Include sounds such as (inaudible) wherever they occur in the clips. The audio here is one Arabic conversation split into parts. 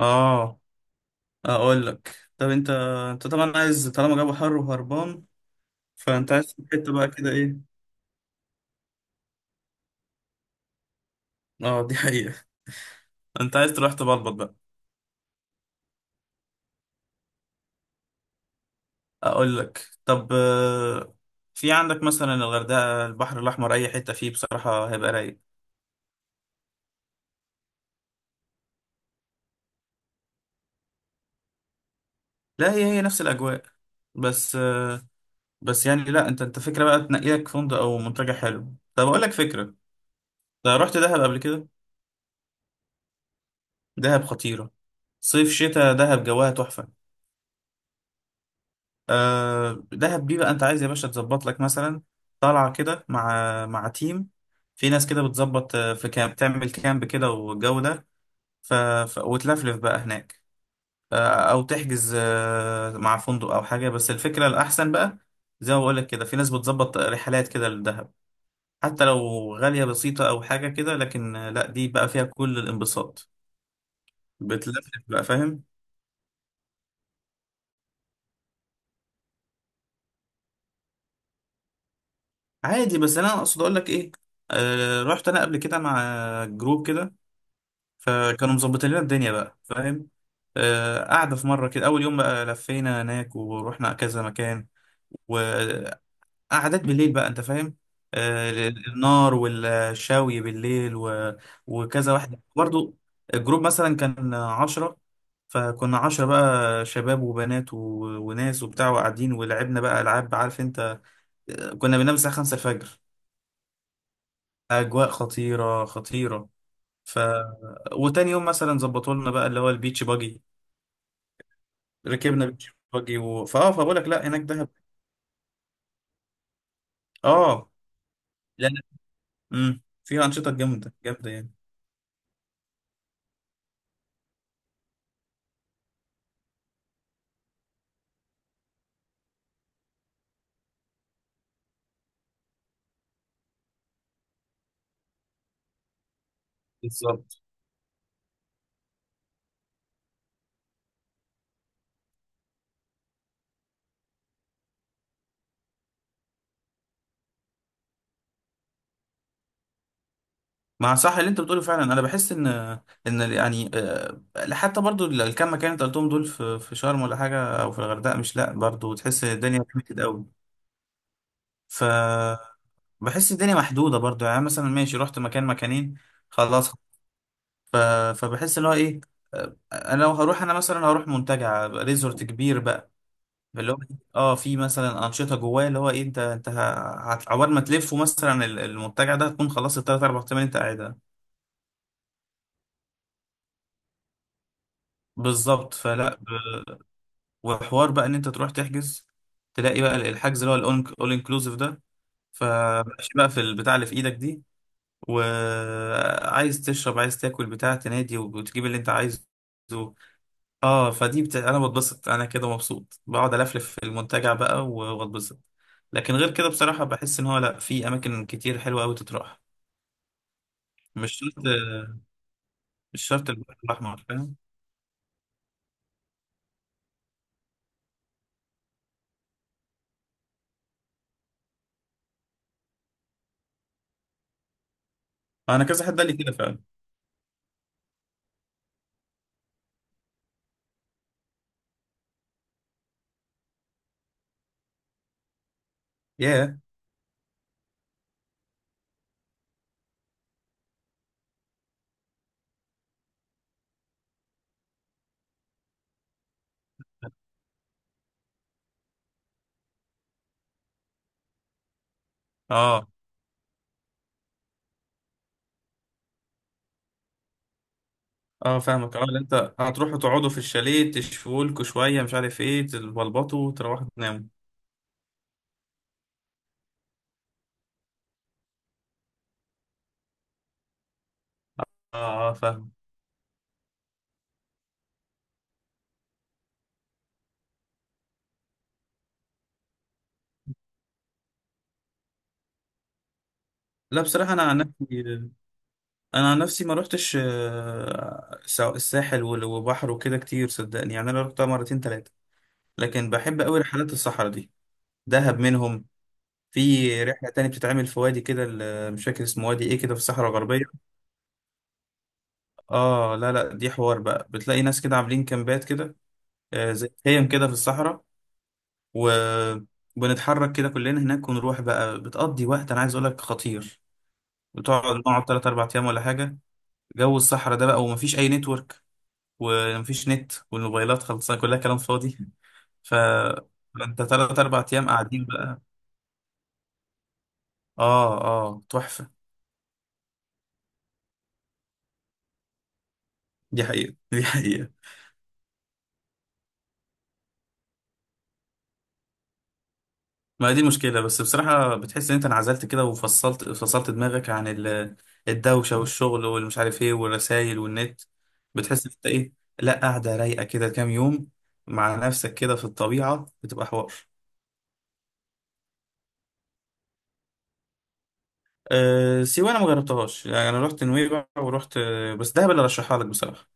اه، اقول لك طب انت طبعا عايز طالما جو حر وهربان، فانت عايز تروح حته بقى كده ايه. اه دي حقيقه. (laughs) انت عايز تروح تبلبط بقى. اقول لك طب آه، في عندك مثلا الغردقه، البحر الاحمر، اي حته فيه بصراحه هيبقى رايق. لا هي هي نفس الاجواء، بس آه، بس يعني لا، انت فكره بقى تنقي لك فندق او منتجع حلو. طب اقول لك فكره، ده رحت دهب قبل كده؟ دهب خطيره، صيف شتاء دهب جواها تحفه. آه دهب دي بقى انت عايز يا باشا تظبط لك مثلا طالعه كده مع تيم. في ناس كده بتظبط آه، في كامب، تعمل كامب كده والجو ده. ف... وتلفلف بقى هناك، آه. او تحجز آه مع فندق او حاجه، بس الفكره الاحسن بقى، زي ما بقول لك كده في ناس بتظبط رحلات كده للدهب. حتى لو غاليه بسيطه او حاجه كده، لكن آه، لا دي بقى فيها كل الانبساط، بتلفلف بقى، فاهم. عادي، بس انا اقصد اقول لك ايه، آه رحت انا قبل كده مع جروب كده، فكانوا مظبطين لنا الدنيا بقى، فاهم. آه، قعدة في مرة كده، أول يوم بقى لفينا هناك ورحنا كذا مكان، وقعدات بالليل بقى، أنت فاهم، آه، النار والشاوي بالليل وكذا واحد برضو. الجروب مثلا كان عشرة، فكنا عشرة بقى، شباب وبنات وناس وبتاع، وقاعدين ولعبنا بقى ألعاب، عارف أنت، آه، كنا بننام الساعة خمسة الفجر. أجواء خطيرة خطيرة. ف وتاني يوم مثلا ظبطوا لنا بقى اللي هو البيتش باجي. ركبنا بيتش باجي و... فاه فبقول لك لا، هناك دهب. اه، لا لا، امم، فيها انشطه جامده جامده يعني. بالظبط. مع، صح اللي انت بتقوله فعلا. انا بحس ان ان يعني آه، حتى برضو الكام مكان انت قلتهم دول، في شرم ولا حاجه او في الغردقه، مش لا برضو تحس إن الدنيا كده قوي. ف بحس الدنيا محدوده برضو، يعني مثلا ماشي رحت مكان مكانين خلاص. ف... فبحس ان هو ايه، آه، انا لو هروح، انا مثلا هروح منتجع ريزورت كبير بقى، اللي هو إيه، اه في مثلا انشطه جواه، اللي هو ايه، عقبال ما تلفه مثلا المنتجع ده، هتكون خلصت الثلاث اربع ايام اللي انت قاعدها. بالظبط، وحوار بقى ان انت تروح تحجز، تلاقي بقى الحجز اللي هو الاول انكلوسيف ده. فماشي بقى في البتاع اللي في ايدك دي، وعايز تشرب، عايز تاكل بتاع، تنادي وتجيب اللي انت عايزه. اه، انا بتبسط، انا كده مبسوط بقعد الفلف في المنتجع بقى واتبسط. لكن غير كده بصراحة بحس ان هو لا، في اماكن كتير حلوة قوي تتراح. مش شرط، (laughs) مش شرط البحر الاحمر، فاهم. انا كذا حد قال لي كده فعلا. ياه. اه اه فاهمك، اه اللي انت هتروحوا تقعدوا في الشاليه، تشفوا لكوا شوية مش عارف ايه، تبلبطوا، تروحوا تناموا. اه اه فاهم. لا بصراحة انا عن نفسي، انا عن نفسي ما روحتش آه، الساحل وبحر وكده كتير، صدقني، يعني انا رحتها مرتين تلاتة، لكن بحب قوي رحلات الصحراء دي. دهب منهم، في رحلة تانية بتتعمل في وادي كده، مش فاكر اسمه، وادي ايه كده في الصحراء الغربية. اه لا لا، دي حوار بقى، بتلاقي ناس كده عاملين كامبات كده، آه زي خيم كده في الصحراء، و بنتحرك كده كلنا هناك ونروح بقى، بتقضي وقت انا عايز اقول لك خطير. بتقعد نقعد 3 4 ايام ولا حاجة، جو الصحراء ده بقى، ومفيش اي نتورك، ومفيش نت، والموبايلات خلصانة، كلها كلام فاضي. ف انت تلات اربع ايام قاعدين بقى. اه اه تحفة. دي حقيقة دي حقيقة. ما دي مشكلة، بس بصراحة بتحس ان انت انعزلت كده، وفصلت، فصلت دماغك عن الدوشة والشغل والمش عارف ايه، والرسايل والنت. بتحس ان انت ايه، لا قاعدة رايقة كده كام يوم مع نفسك كده في الطبيعة، بتبقى حوار. أه سيوة انا مجربتهاش يعني، انا رحت نويبع ورحت آه، بس دهب اللي ارشحها لك بصراحة.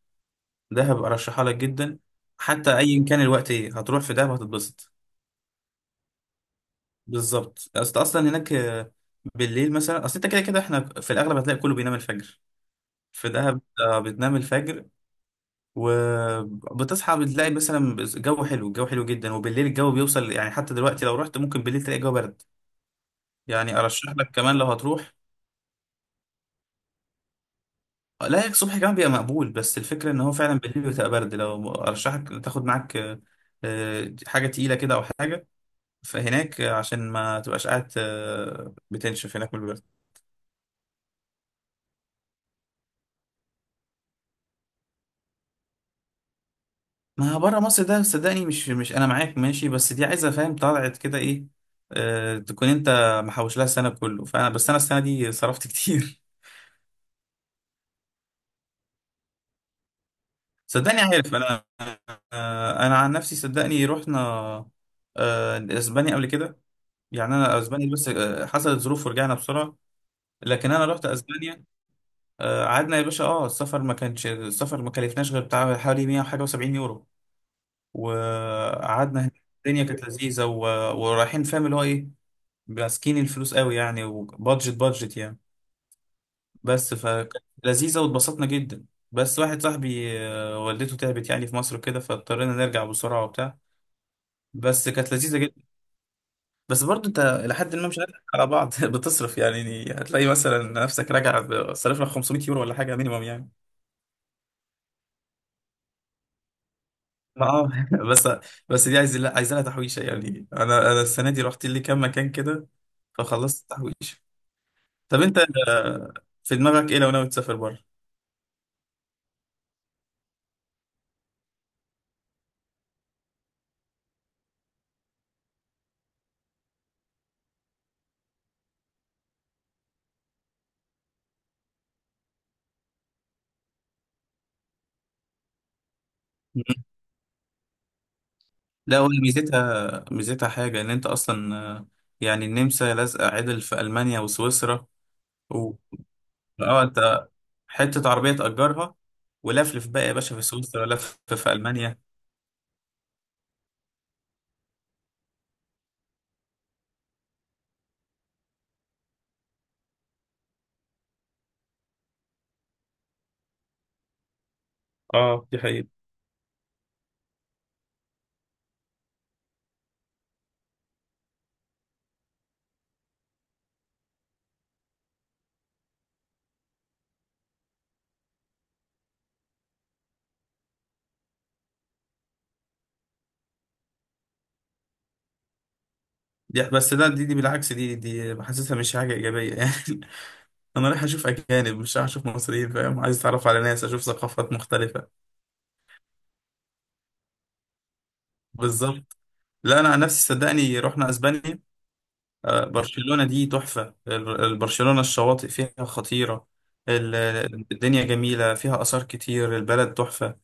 دهب ارشحها لك جدا، حتى ايا كان الوقت ايه، هتروح في دهب هتتبسط. بالظبط، اصلا هناك آه، بالليل مثلا، اصل انت كده كده احنا في الاغلب هتلاقي كله بينام الفجر. في دهب آه، بتنام الفجر، وبتصحى بتلاقي مثلا جو حلو، الجو حلو جدا، وبالليل الجو بيوصل، يعني حتى دلوقتي لو رحت ممكن بالليل تلاقي الجو برد. يعني ارشح لك كمان لو هتروح. لا هيك الصبح كمان بيبقى مقبول، بس الفكرة ان هو فعلا بالليل بتبقى برد، لو ارشحك تاخد معاك آه، آه، حاجة تقيلة كده او حاجة. فهناك آه، عشان ما تبقاش قاعد آه، بتنشف هناك من البرد. ما بره مصر ده صدقني مش انا معاك ماشي، بس دي عايزه فاهم طلعت كده ايه، آه تكون انت محوش لها السنه كله، فانا بس انا السنه دي صرفت كتير. (laughs) صدقني عارف انا، آه انا عن نفسي صدقني رحنا آه اسبانيا قبل كده. يعني انا اسبانيا، بس آه حصلت ظروف ورجعنا بسرعه، لكن انا رحت اسبانيا. آه قعدنا يا باشا، اه السفر ما كانش، السفر ما كلفناش غير بتاع حوالي 100 وحاجه و70 يورو. وقعدنا هناك، الدنيا كانت لذيذه ورايحين فاهم اللي هو ايه، ماسكين الفلوس قوي يعني، وبادجت بادجت يعني، بس فكانت لذيذة واتبسطنا جدا. بس واحد صاحبي آه، والدته تعبت يعني في مصر كده، فاضطرينا نرجع بسرعة وبتاع، بس كانت لذيذة جدا. بس برضو انت لحد ما، مش هنضحك على بعض، (laughs) بتصرف يعني، يعني هتلاقي مثلا نفسك راجع صرف لك 500 يورو ولا حاجة مينيمم يعني. ما اه (laughs) بس، بس دي عايز لا، عايزة لها تحويشة يعني، انا السنة دي رحت لي كام مكان كده، فخلصت التحويشة. طب انت آه، في دماغك ايه لو ناوي تسافر بره؟ لا هو ميزتها حاجة إن أنت أصلا آه، يعني النمسا لازقة عدل في ألمانيا وسويسرا. و اه أنت حتة عربية تأجرها ولفلف بقى يا باشا، في سويسرا لف، في ألمانيا. اه دي حقيقة. دي بالعكس، دي حاسسها مش حاجة إيجابية (laughs) يعني. أنا رايح أشوف أجانب، مش رايح أشوف مصريين، فاهم، عايز أتعرف على ناس، أشوف ثقافات مختلفة. بالظبط، لا أنا عن نفسي صدقني رحنا أسبانيا. آه، برشلونة دي تحفة، برشلونة الشواطئ فيها خطيرة. ال- الدنيا جميلة، فيها آثار كتير، البلد تحفة.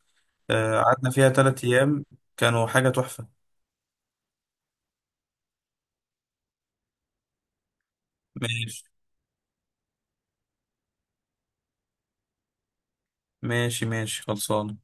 آه، قعدنا فيها تلات أيام، كانوا حاجة تحفة. ماشي ماشي، ماشي خلصانة.